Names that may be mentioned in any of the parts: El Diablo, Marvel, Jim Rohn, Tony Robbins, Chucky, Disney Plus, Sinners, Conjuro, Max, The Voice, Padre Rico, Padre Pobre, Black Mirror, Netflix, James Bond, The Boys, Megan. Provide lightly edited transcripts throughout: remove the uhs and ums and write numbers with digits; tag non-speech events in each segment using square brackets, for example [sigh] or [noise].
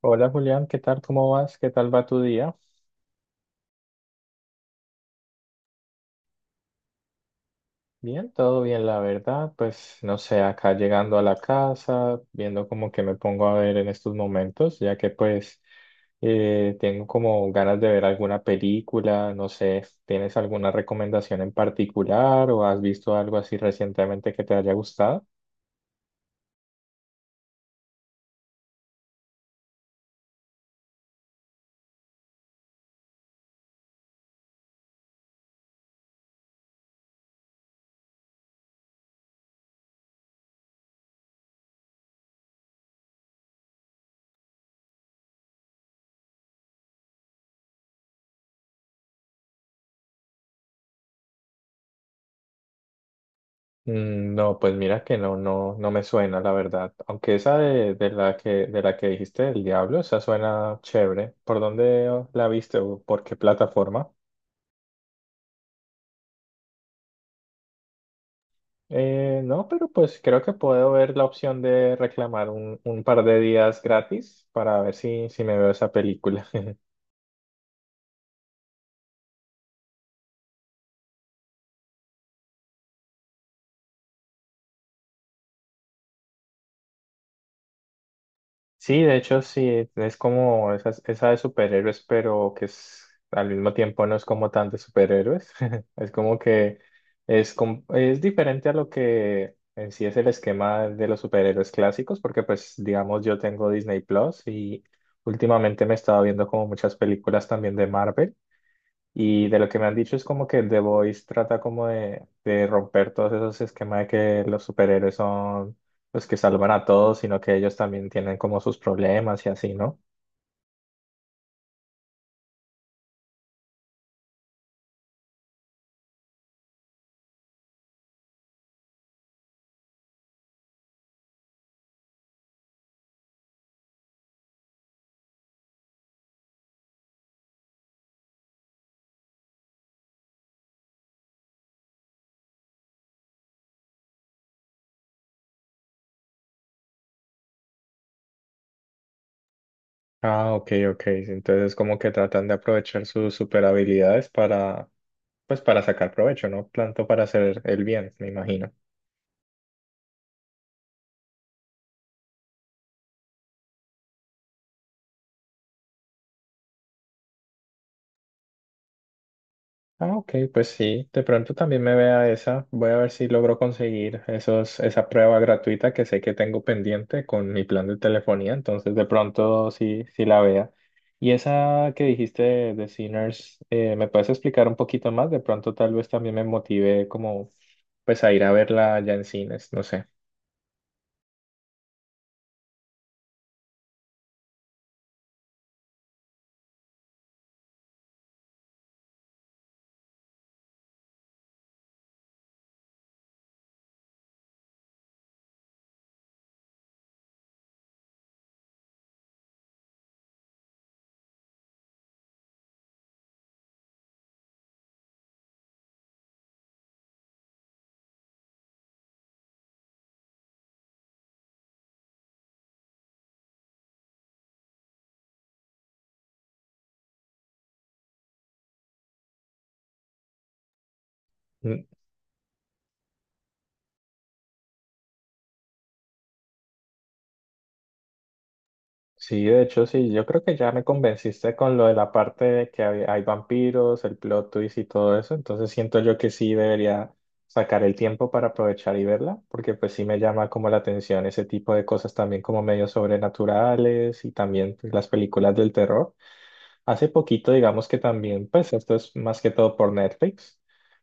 Hola Julián, ¿qué tal? ¿Cómo vas? ¿Qué tal va tu día? Bien, todo bien, la verdad. Pues no sé, acá llegando a la casa, viendo como que me pongo a ver en estos momentos, ya que pues tengo como ganas de ver alguna película, no sé, ¿tienes alguna recomendación en particular o has visto algo así recientemente que te haya gustado? Mm, no, pues mira que no, no, no me suena, la verdad. Aunque esa de la que dijiste, El Diablo, esa suena chévere. ¿Por dónde la viste o por qué plataforma? No, pero pues creo que puedo ver la opción de reclamar un par de días gratis para ver si me veo esa película. [laughs] Sí, de hecho, sí, es como esa de superhéroes, pero que es, al mismo tiempo no es como tan de superhéroes. [laughs] Es como que es, es diferente a lo que en sí es el esquema de los superhéroes clásicos, porque pues digamos yo tengo Disney Plus y últimamente me he estado viendo como muchas películas también de Marvel. Y de lo que me han dicho es como que The Voice trata como de romper todos esos esquemas de que los superhéroes son los que salvan a todos, sino que ellos también tienen como sus problemas y así, ¿no? Ah, ok, ok. Entonces como que tratan de aprovechar sus super habilidades para, pues para sacar provecho, ¿no? Tanto para hacer el bien, me imagino. Ah, ok, pues sí, de pronto también me vea esa. Voy a ver si logro conseguir esa prueba gratuita que sé que tengo pendiente con mi plan de telefonía, entonces de pronto sí, sí la vea. Y esa que dijiste de Sinners, ¿me puedes explicar un poquito más? De pronto tal vez también me motive como pues a ir a verla ya en cines, no sé. Sí, de hecho, sí, yo creo que ya me convenciste con lo de la parte de que hay vampiros, el plot twist y todo eso, entonces siento yo que sí debería sacar el tiempo para aprovechar y verla, porque pues sí me llama como la atención ese tipo de cosas también como medios sobrenaturales y también pues, las películas del terror. Hace poquito, digamos que también, pues esto es más que todo por Netflix.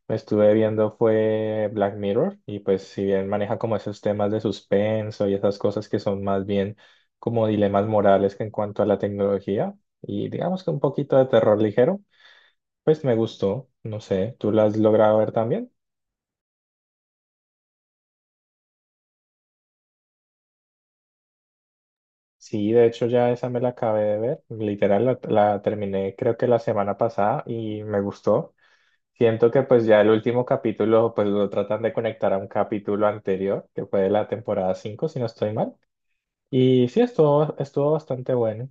Me estuve viendo fue Black Mirror y pues si bien maneja como esos temas de suspenso y esas cosas que son más bien como dilemas morales que en cuanto a la tecnología y digamos que un poquito de terror ligero, pues me gustó. No sé, ¿tú la has logrado ver también? Sí, de hecho ya esa me la acabé de ver. Literal la terminé creo que la semana pasada y me gustó. Siento que pues ya el último capítulo pues lo tratan de conectar a un capítulo anterior, que fue de la temporada 5 si no estoy mal. Y sí, estuvo, estuvo bastante bueno.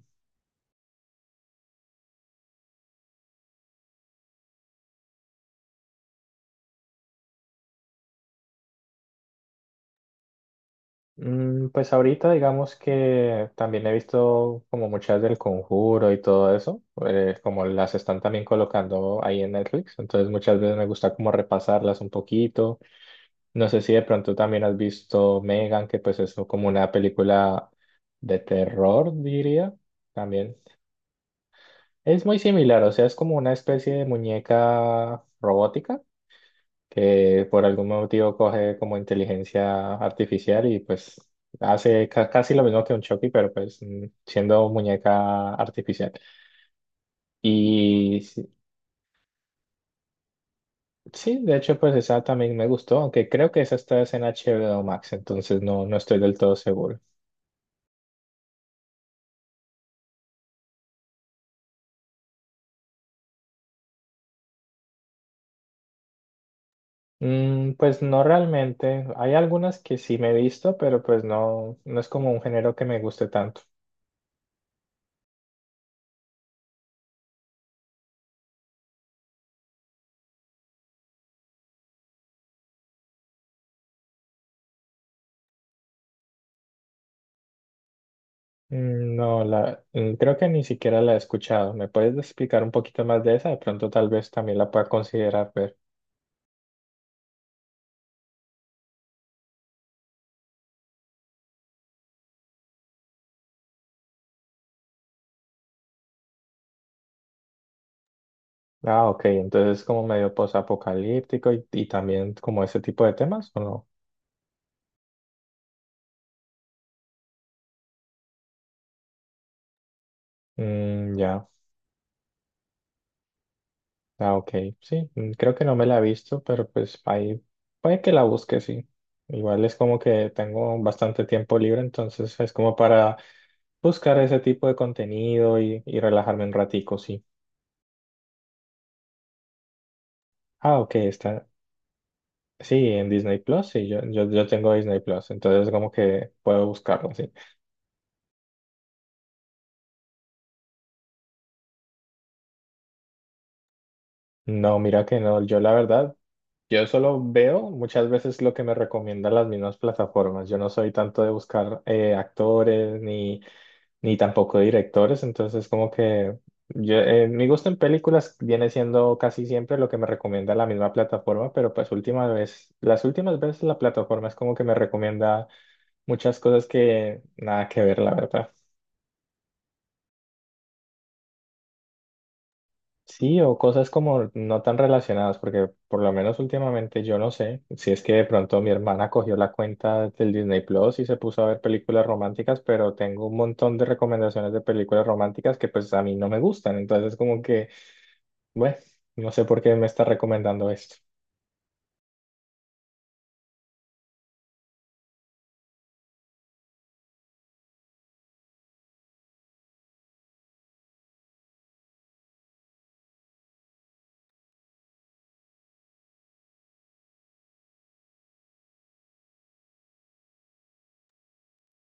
Mm, pues ahorita digamos que también he visto como muchas del Conjuro y todo eso, como las están también colocando ahí en Netflix, entonces muchas veces me gusta como repasarlas un poquito. No sé si de pronto también has visto Megan, que pues es como una película de terror, diría. También es muy similar, o sea, es como una especie de muñeca robótica que por algún motivo coge como inteligencia artificial y pues hace casi lo mismo que un Chucky, pero pues mm, siendo muñeca artificial. Y sí, sí, de hecho pues esa también me gustó, aunque creo que esa está es en H B o Max, entonces no, no estoy del todo seguro. Mm, pues no realmente, hay algunas que sí me he visto, pero pues no, no es como un género que me guste tanto. Mm, no, la, mm, creo que ni siquiera la he escuchado. ¿Me puedes explicar un poquito más de esa? De pronto tal vez también la pueda considerar ver. Ah, ok, entonces es como medio posapocalíptico y también como ese tipo de temas, ¿o no? Mm, ya, ah, ok, sí, mm, creo que no me la he visto, pero pues ahí puede que la busque, sí. Igual es como que tengo bastante tiempo libre, entonces es como para buscar ese tipo de contenido y relajarme un ratico, sí. Ah, ok, está. Sí, en Disney Plus, sí, yo tengo Disney Plus, entonces como que puedo buscarlo, sí. No, mira que no, yo la verdad, yo solo veo muchas veces lo que me recomiendan las mismas plataformas, yo no soy tanto de buscar actores ni tampoco directores, entonces como que yo, mi gusto en películas viene siendo casi siempre lo que me recomienda la misma plataforma, pero pues última vez, las últimas veces la plataforma es como que me recomienda muchas cosas que nada que ver, la verdad. Sí, o cosas como no tan relacionadas, porque por lo menos últimamente yo no sé si es que de pronto mi hermana cogió la cuenta del Disney Plus y se puso a ver películas románticas, pero tengo un montón de recomendaciones de películas románticas que pues a mí no me gustan, entonces como que, bueno, no sé por qué me está recomendando esto.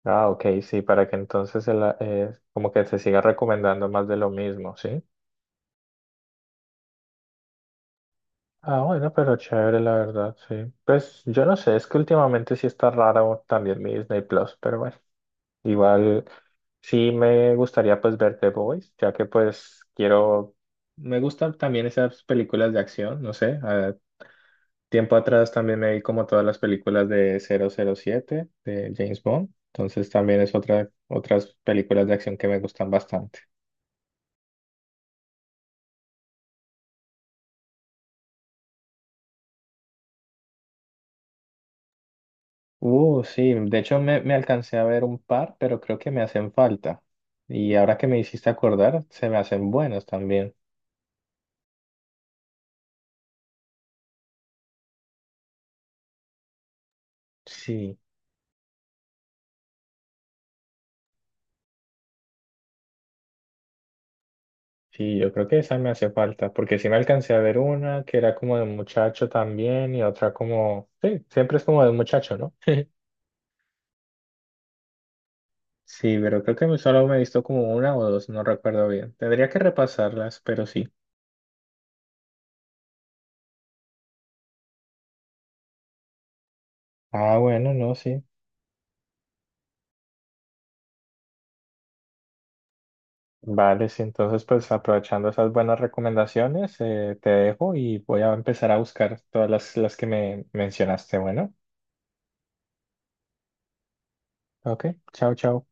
Ah, ok, sí, para que entonces como que se siga recomendando más de lo mismo, ¿sí? Ah, bueno, pero chévere, la verdad, sí. Pues yo no sé, es que últimamente sí está raro también mi Disney Plus, pero bueno. Igual sí me gustaría pues ver The Boys, ya que pues quiero, me gustan también esas películas de acción, no sé, tiempo atrás también me vi como todas las películas de 007 de James Bond, entonces también es otras películas de acción que me gustan bastante. Sí, de hecho me alcancé a ver un par, pero creo que me hacen falta. Y ahora que me hiciste acordar, se me hacen buenas también. Sí. Sí, yo creo que esa me hace falta, porque sí me alcancé a ver una que era como de un muchacho también y otra como, sí, siempre es como de un muchacho, ¿no? [laughs] Sí, pero creo que solo me he visto como una o dos, no recuerdo bien. Tendría que repasarlas, pero sí. Ah, bueno, no, sí. Vale, sí, entonces pues aprovechando esas buenas recomendaciones, te dejo y voy a empezar a buscar todas las que me mencionaste. Bueno, ok, chao, chao.